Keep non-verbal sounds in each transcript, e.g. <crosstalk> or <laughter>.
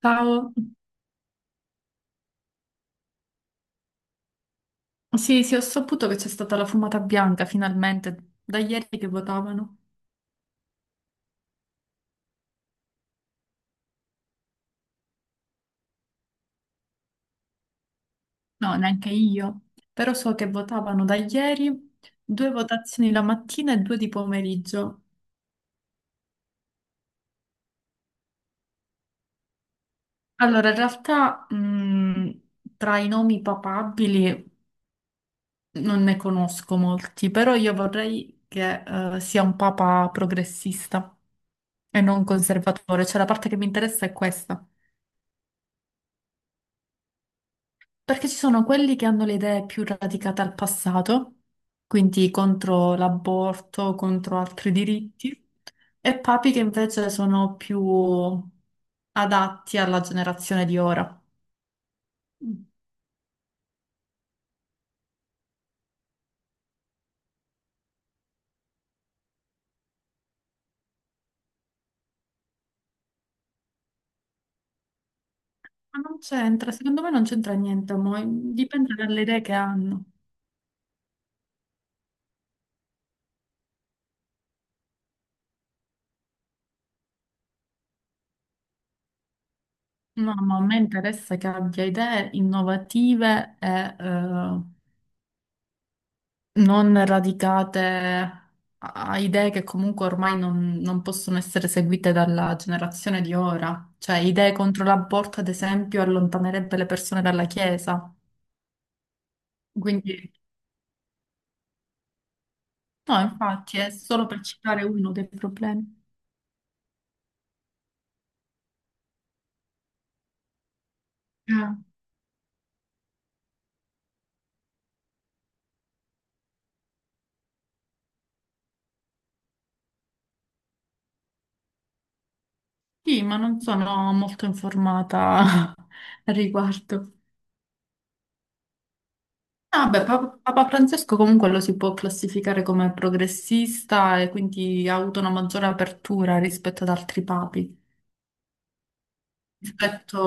Ciao. Sì, sì, ho saputo che c'è stata la fumata bianca finalmente, da ieri che votavano. No, neanche io, però so che votavano da ieri due votazioni la mattina e due di pomeriggio. Allora, in realtà, tra i nomi papabili non ne conosco molti, però io vorrei che, sia un papa progressista e non conservatore, cioè la parte che mi interessa è questa. Perché ci sono quelli che hanno le idee più radicate al passato, quindi contro l'aborto, contro altri diritti, e papi che invece sono più adatti alla generazione di ora. Ma non c'entra, secondo me non c'entra niente, dipende dalle idee che hanno. No, ma a me interessa che abbia idee innovative e non radicate a a idee che comunque ormai non possono essere seguite dalla generazione di ora. Cioè, idee contro l'aborto, ad esempio, allontanerebbe le persone dalla Chiesa. Quindi, no, infatti, è solo per citare uno dei problemi. Ah. Sì, ma non sono molto informata <laughs> al riguardo. Vabbè, Papa Francesco comunque lo si può classificare come progressista e quindi ha avuto una maggiore apertura rispetto ad altri papi. Rispetto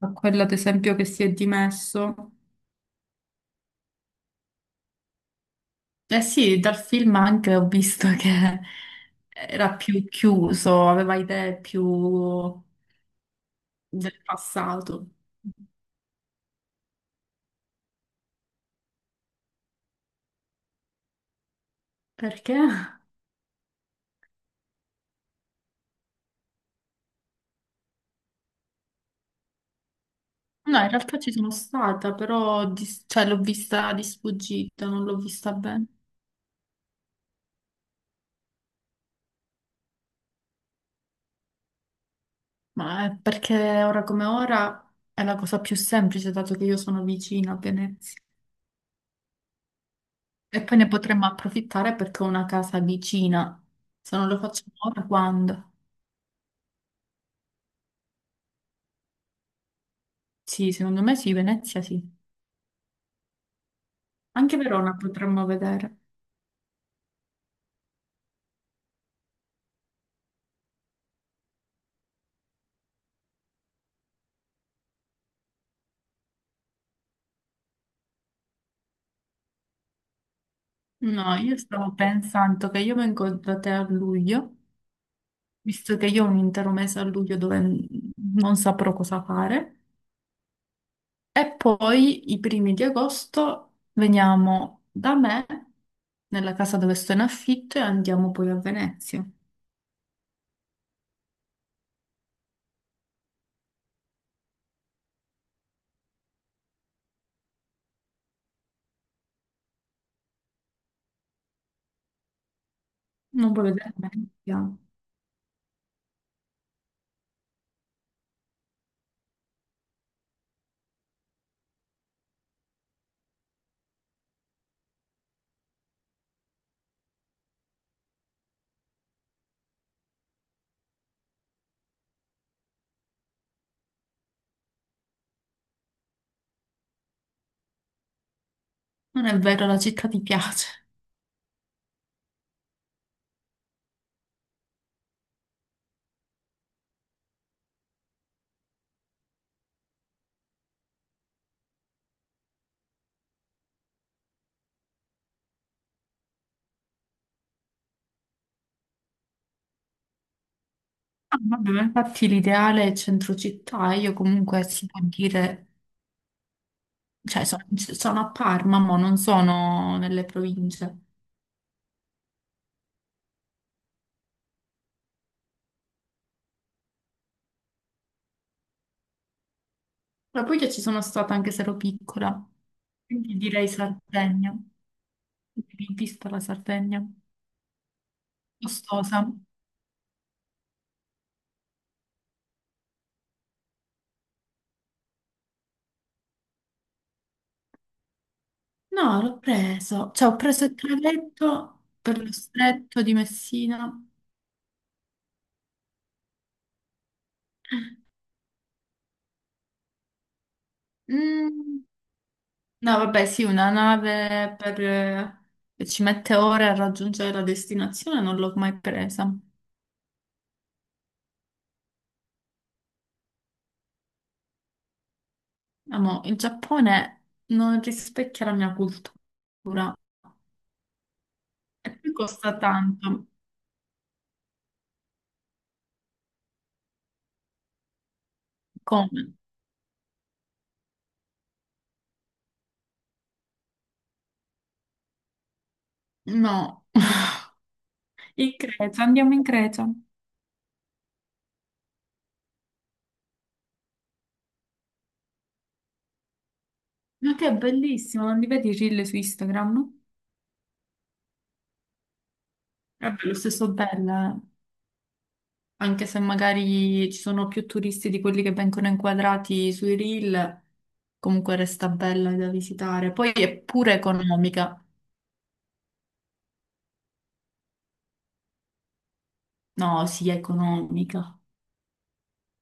a quello ad esempio che si è dimesso. Eh sì, dal film anche ho visto <laughs> che era più chiuso, aveva idee più del passato. Perché? No, in realtà ci sono stata, però cioè, l'ho vista di sfuggita, non l'ho vista bene. Ma è perché ora come ora è la cosa più semplice, dato che io sono vicina a Venezia. E poi ne potremmo approfittare perché ho una casa vicina. Se non lo facciamo ora, quando? Sì, secondo me sì, Venezia sì. Anche Verona potremmo vedere. No, io stavo pensando che io vengo da te a luglio, visto che io ho un intero mese a luglio dove non saprò cosa fare, e poi i primi di agosto veniamo da me, nella casa dove sto in affitto, e andiamo poi a Venezia. Non puoi vedere Venezia. Non è vero, la città ti piace. Ah, vabbè, ma infatti l'ideale è centro città, io comunque si può dire cioè sono, sono a Parma, ma non sono nelle province. La Puglia ci sono stata anche se ero piccola, quindi direi Sardegna. Quindi vista la Sardegna, costosa. No, l'ho preso, cioè ho preso il traghetto per lo stretto di Messina. Mm. No, vabbè, sì, una nave per, che ci mette ore a raggiungere la destinazione non l'ho mai presa. Amo, il Giappone non rispecchia la mia cultura. E poi costa tanto. Come? No. <laughs> In Grecia, andiamo in Grecia. Ma che è bellissimo, non li vedi i reel su Instagram? Vabbè, lo stesso bella, anche se magari ci sono più turisti di quelli che vengono inquadrati sui reel, comunque resta bella da visitare. Poi è pure economica. No, sì, è economica.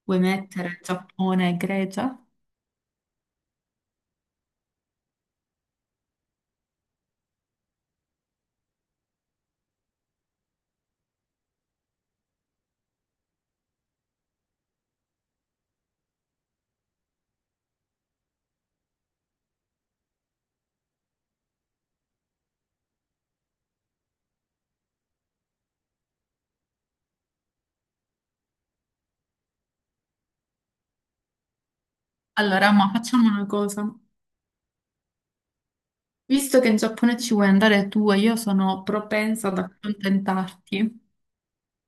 Vuoi mettere Giappone e Grecia? Allora, ma facciamo una cosa. Visto che in Giappone ci vuoi andare tu e io sono propensa ad accontentarti,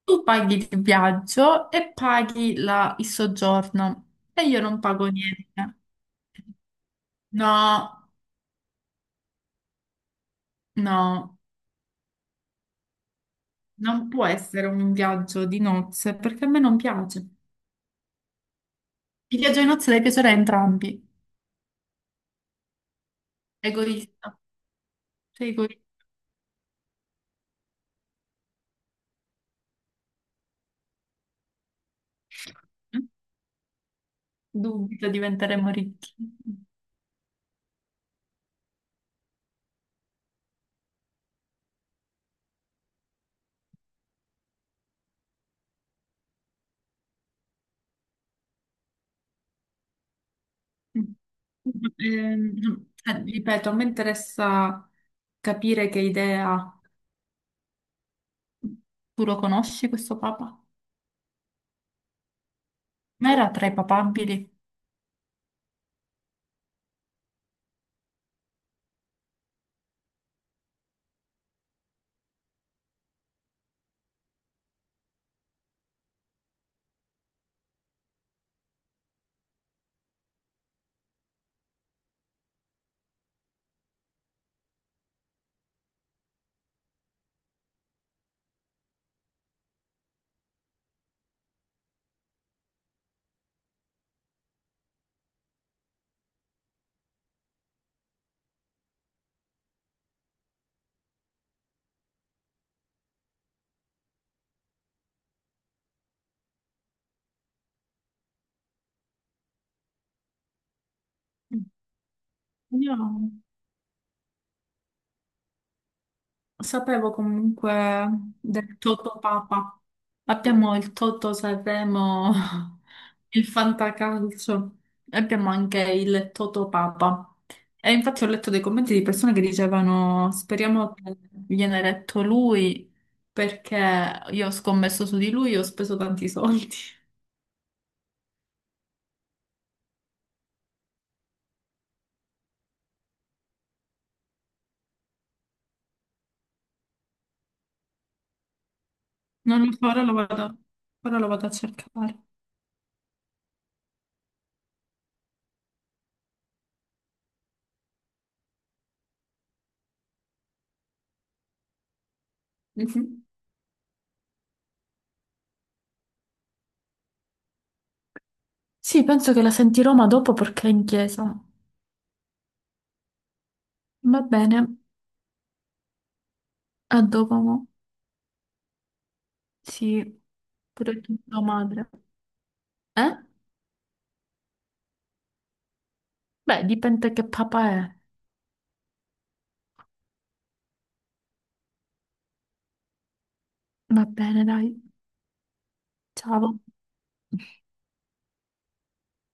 tu paghi il viaggio e paghi il soggiorno e io non pago niente. No, no, non può essere un viaggio di nozze perché a me non piace. Il viaggio di nozze deve piacere a entrambi. Egoista, sei egoista. Dubito diventeremo ricchi. Mm. Ripeto, a me interessa capire che idea. Tu lo conosci questo papa? Ma era tra i papabili? Io no. Sapevo comunque del Toto Papa. Abbiamo il Toto Sanremo, <laughs> il Fantacalcio, e abbiamo anche il Toto Papa. E infatti ho letto dei commenti di persone che dicevano: speriamo che viene eletto lui, perché io ho scommesso su di lui e ho speso tanti soldi. <laughs> Non lo so, ora lo vado a cercare. Mhm. Sì, penso che la sentirò ma dopo perché è in chiesa. Va bene, a dopo. Mo. Sì. Pure tu, tua madre. Eh? Beh, dipende che papà è. Va bene, dai. Ciao.